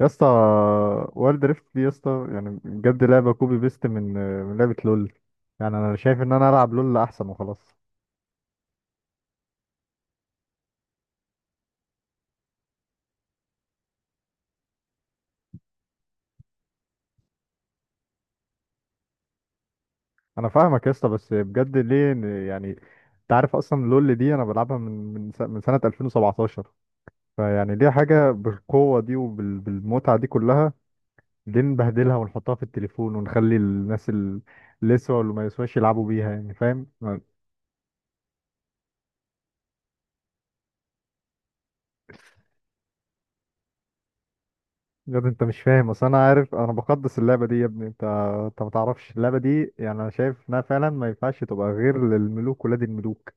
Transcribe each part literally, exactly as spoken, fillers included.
يا اسطى. وورلد ريفت دي يا اسطى يعني بجد لعبه كوبي بيست من من لعبه لول. يعني انا شايف ان انا العب لول احسن وخلاص. انا فاهمك يا اسطى، بس بجد ليه إن- يعني، انت عارف اصلا لول دي انا بلعبها من من س- من سنه ألفين وسبعة عشر. فيعني ليه حاجه بالقوه دي وبالمتعه دي كلها؟ ليه نبهدلها ونحطها في التليفون ونخلي الناس ال- اللي يسوا واللي ما يسواش يلعبوا بيها؟ يعني فاهم. يا ابني انت مش فاهم. اصل انا عارف، انا بقدس اللعبه دي يا ابني. انت انت ما تعرفش اللعبه دي. يعني انا شايف انها فعلا ما ينفعش تبقى غير للملوك ولاد الملوك.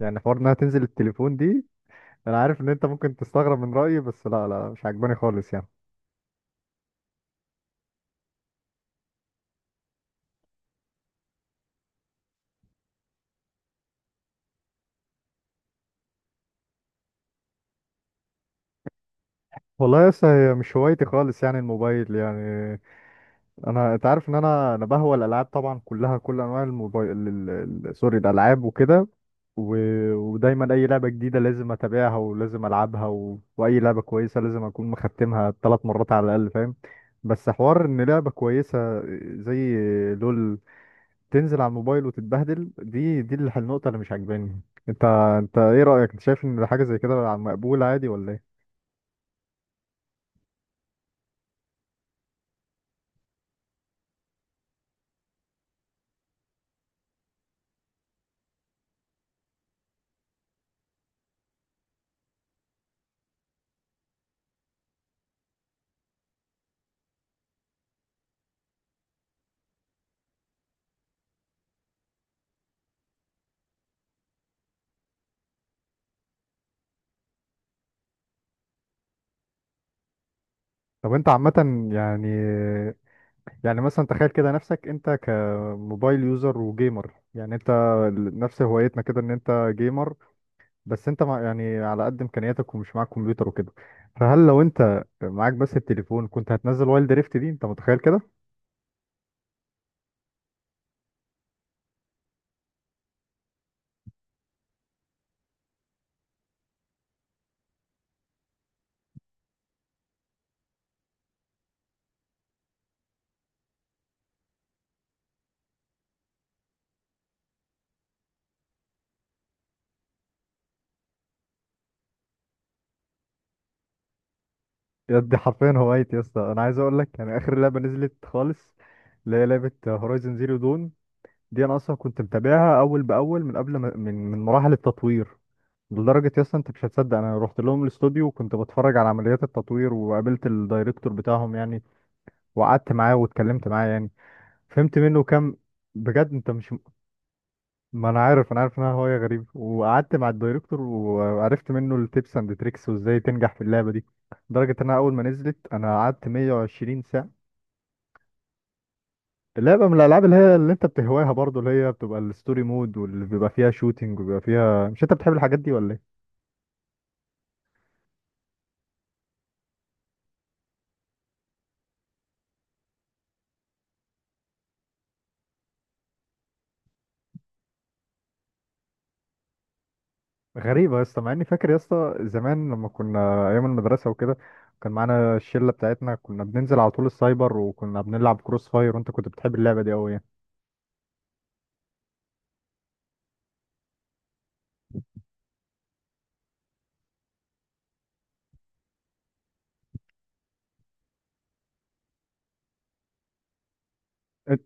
يعني حوار انها تنزل التليفون دي. انا عارف ان انت ممكن تستغرب من رايي، بس لا، لا، مش عجباني خالص يعني. والله يا اسطى هي مش هوايتي خالص يعني الموبايل. يعني انا انت عارف ان انا انا بهوى الالعاب طبعا، كلها، كل انواع الموبايل ال- ال- سوري، الالعاب وكده. و... ودايما اي لعبه جديده لازم اتابعها ولازم العبها، و... واي لعبه كويسه لازم اكون مختمها ثلاث مرات على الاقل، فاهم؟ بس حوار ان لعبه كويسه زي لول تنزل على الموبايل وتتبهدل، دي دي الح- النقطه اللي مش عاجباني. انت انت ايه رايك؟ انت شايف ان حاجه زي كده مقبوله عادي ولا ايه؟ طب انت عامه يعني، يعني مثلا تخيل كده نفسك انت كموبايل يوزر وجيمر. يعني انت ال- نفس هوايتنا كده ان انت جيمر، بس انت مع يعني على قد امكانياتك ومش معاك كمبيوتر وكده. فهل لو انت معاك بس التليفون كنت هتنزل وايلد ريفت دي؟ انت متخيل كده؟ يا دي حرفيا هوايتي يا اسطى. انا عايز اقول لك يعني اخر لعبه نزلت خالص، اللي هي لعبه هورايزن زيرو دون، دي انا اصلا كنت متابعها اول باول من قبل ما من من مراحل التطوير. لدرجة يا اسطى انت مش هتصدق، انا رحت لهم الاستوديو وكنت بتفرج على عمليات التطوير وقابلت الدايركتور بتاعهم يعني. وقعدت معاه واتكلمت معاه يعني. فهمت منه كام. بجد انت مش. ما انا عارف انا عارف انها هواية غريبة. وقعدت مع الدايركتور وعرفت منه التيبس اند تريكس وازاي تنجح في اللعبة دي. لدرجة انها اول ما نزلت انا قعدت مية وعشرين ساعة. لعبة من الالعاب اللي هي اللي انت بتهواها برضو، اللي هي بتبقى الستوري مود واللي بيبقى فيها شوتينج وبيبقى فيها، مش انت بتحب الحاجات دي ولا ايه؟ غريبة يا اسطى، مع اني فاكر يا اسطى زمان لما كنا ايام المدرسة وكده كان معانا الشلة بتاعتنا، كنا بننزل على طول السايبر وكنا بنلعب كروس فاير، وانت كنت بتحب اللعبة دي قوي يعني. إنت-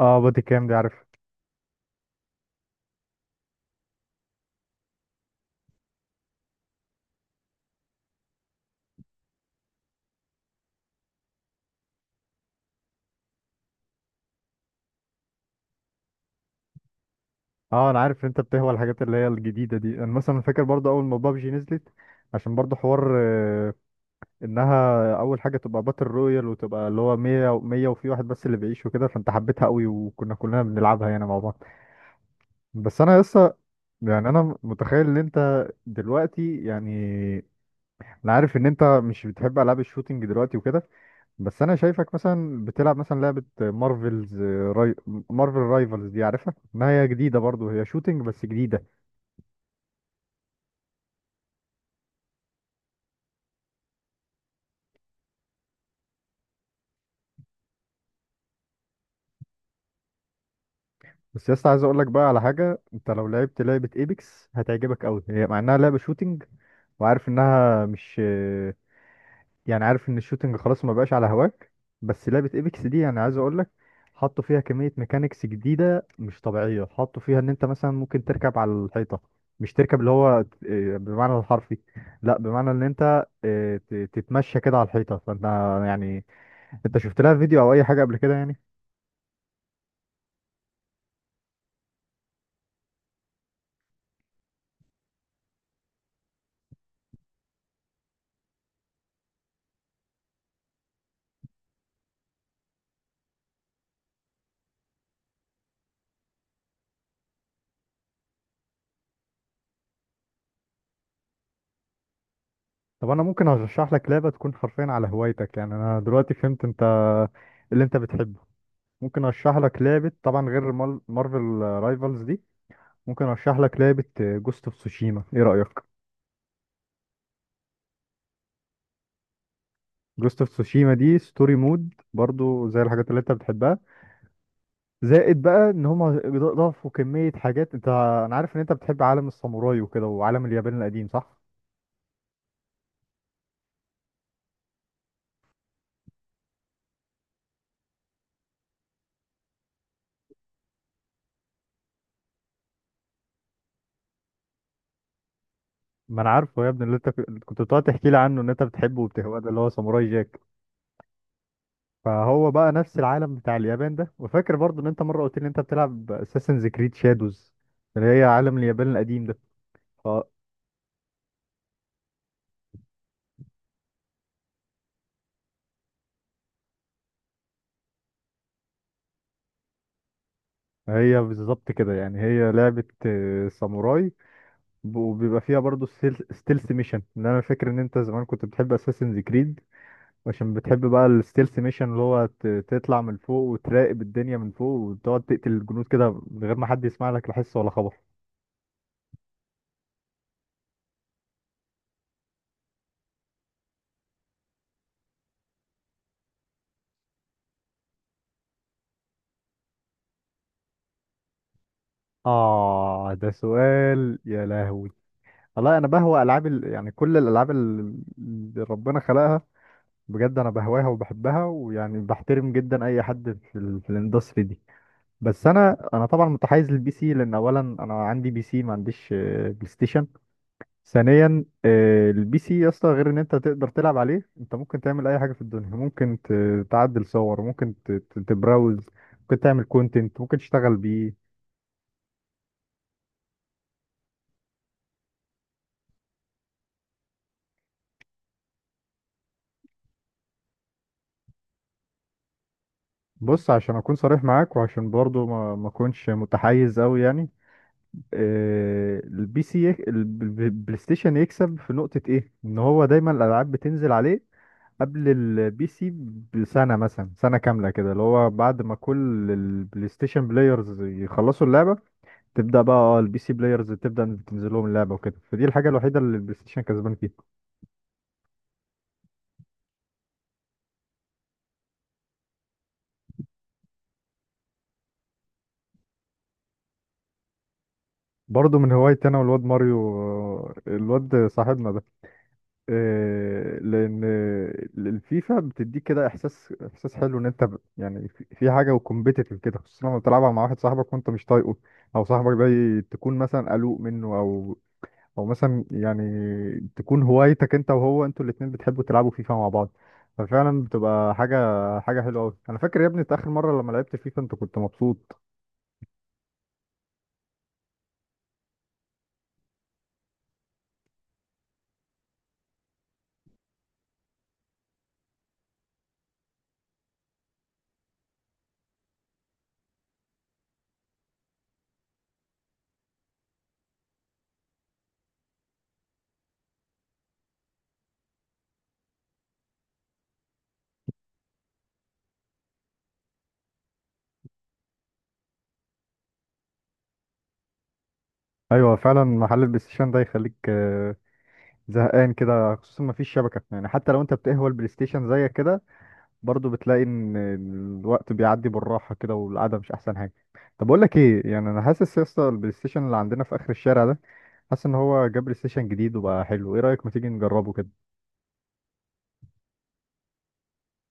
اه، بادي كام دي عارف. اه انا عارف إن انت بتهوى الحاجات اللي هي الجديدة دي. انا مثلا فاكر برضه اول ما بابجي نزلت، عشان برضه حوار آه، انها اول حاجة تبقى باتل رويال وتبقى اللي هو مية و100، وفي واحد بس اللي بيعيش وكده، فانت حبيتها قوي وكنا كلنا بنلعبها يعني مع بعض. بس انا لسه. يعني انا متخيل ان انت دلوقتي يعني انا عارف ان انت مش بتحب العاب الشوتينج دلوقتي وكده. بس انا شايفك مثلا بتلعب مثلا لعبة مارفلز، راي... مارفل رايفلز دي عارفها. ما هي جديدة برضو، هي شوتينج بس جديدة. بس يا اسطى عايز اقول لك بقى على حاجة: انت لو لعبت لعبة ايبكس هتعجبك قوي. هي مع انها لعبة شوتينج وعارف انها مش، يعني عارف ان الشوتنج خلاص ما بقاش على هواك، بس لعبة ايبكس دي يعني عايز اقول لك، حطوا فيها كمية ميكانيكس جديدة مش طبيعية. حطوا فيها ان انت مثلا ممكن تركب على الحيطة. مش تركب اللي هو ت- إيه، بمعنى الحرفي، لا، بمعنى ان انت إيه، ت- تتمشى كده على الحيطة. فانت يعني انت شفت لها فيديو او اي حاجة قبل كده يعني؟ طب انا ممكن ارشح لك لعبة تكون حرفيا على هوايتك. يعني انا دلوقتي فهمت انت اللي انت بتحبه. ممكن ارشح لك لعبة طبعا غير مال- مارفل رايفلز دي. ممكن ارشح لك لعبة جوست اوف تسوشيما، ايه رأيك؟ جوست اوف تسوشيما دي ستوري مود برضو زي الحاجات اللي انت بتحبها، زائد بقى ان هم ضافوا كمية حاجات. انت انا عارف ان انت بتحب عالم الساموراي وكده وعالم اليابان القديم، صح؟ ما انا عارفه يا ابني، اللي انت ك- كنت بتقعد تحكي لي عنه ان انت بتحبه وبتهواه ده، اللي هو ساموراي جاك. فهو بقى نفس العالم بتاع اليابان ده. وفاكر برضو ان انت مرة قلت لي ان انت بتلعب اساسنز كريد شادوز اللي هي عالم اليابان القديم ده. ف- هي بالظبط كده. يعني هي لعبة آه، ساموراي، وبيبقى فيها برضو ستيلث ميشن، اللي انا فاكر ان انت زمان كنت بتحب اساسنز كريد عشان بتحب بقى الستيلث ميشن، اللي هو ت- تطلع من فوق وتراقب الدنيا من فوق وتقعد تقتل الجنود كده من غير ما حد يسمع لك لا حس ولا خبر. اه، ده سؤال يا لهوي. والله انا بهوى العاب ال- يعني كل الالعاب ال- اللي ربنا خلقها. بجد انا بهواها وبحبها، ويعني بحترم جدا اي حد في ال... في الاندستري دي. بس انا انا طبعا متحيز للبي سي، لان اولا انا عندي بي سي ما عنديش آه، بلاي ستيشن. ثانيا آه، البي سي يا اسطى، غير ان انت تقدر تلعب عليه، انت ممكن تعمل اي حاجه في الدنيا. ممكن ت- تعدل صور، ممكن ت- ت- تبراوز، ممكن تعمل كونتنت، ممكن تشتغل بيه. بص، عشان اكون صريح معاك وعشان برضو ما ما اكونش متحيز قوي يعني، آه، البي سي يك- الب- الب- البلاي ستيشن يكسب في نقطه ايه، ان هو دايما الالعاب بتنزل عليه قبل البي سي بسنه، مثلا سنه كامله كده، اللي هو بعد ما كل البلاي ستيشن بلايرز يخلصوا اللعبه، تبدا بقى اه البي سي بلايرز تبدا تنزل لهم اللعبه وكده. فدي الحاجه الوحيده اللي البلاي ستيشن كسبان فيها. برضه من هوايتي انا والواد ماريو، آه، الواد صاحبنا ده. آه، لان الفيفا بتديك كده احساس احساس حلو، ان انت ب- يعني في في حاجه وكومبيتيتيف كده، خصوصا لما تلعبها مع واحد صاحبك وانت مش طايقه، او صاحبك ده ي- تكون مثلا قلوق منه، او او مثلا يعني تكون هوايتك انت وهو، انتوا الاتنين بتحبوا تلعبوا فيفا مع بعض. ففعلا بتبقى حاجه حاجه حلوه قوي. انا فاكر يا ابني إنت اخر مره لما لعبت فيفا انت كنت مبسوط. ايوه فعلا، محل البلاي ستيشن ده يخليك آه، زهقان كده، خصوصا ما فيش شبكه. يعني حتى لو انت بتقهوى البلاي ستيشن زيك كده، برضو بتلاقي ان الوقت بيعدي بالراحه كده والقعده مش احسن حاجه. طب اقول لك ايه يعني، انا حاسس يا اسطى البلاي ستيشن اللي عندنا في اخر الشارع ده، حاسس ان هو جاب بلاي ستيشن جديد وبقى حلو. ايه رايك، ما تيجي نجربه كده؟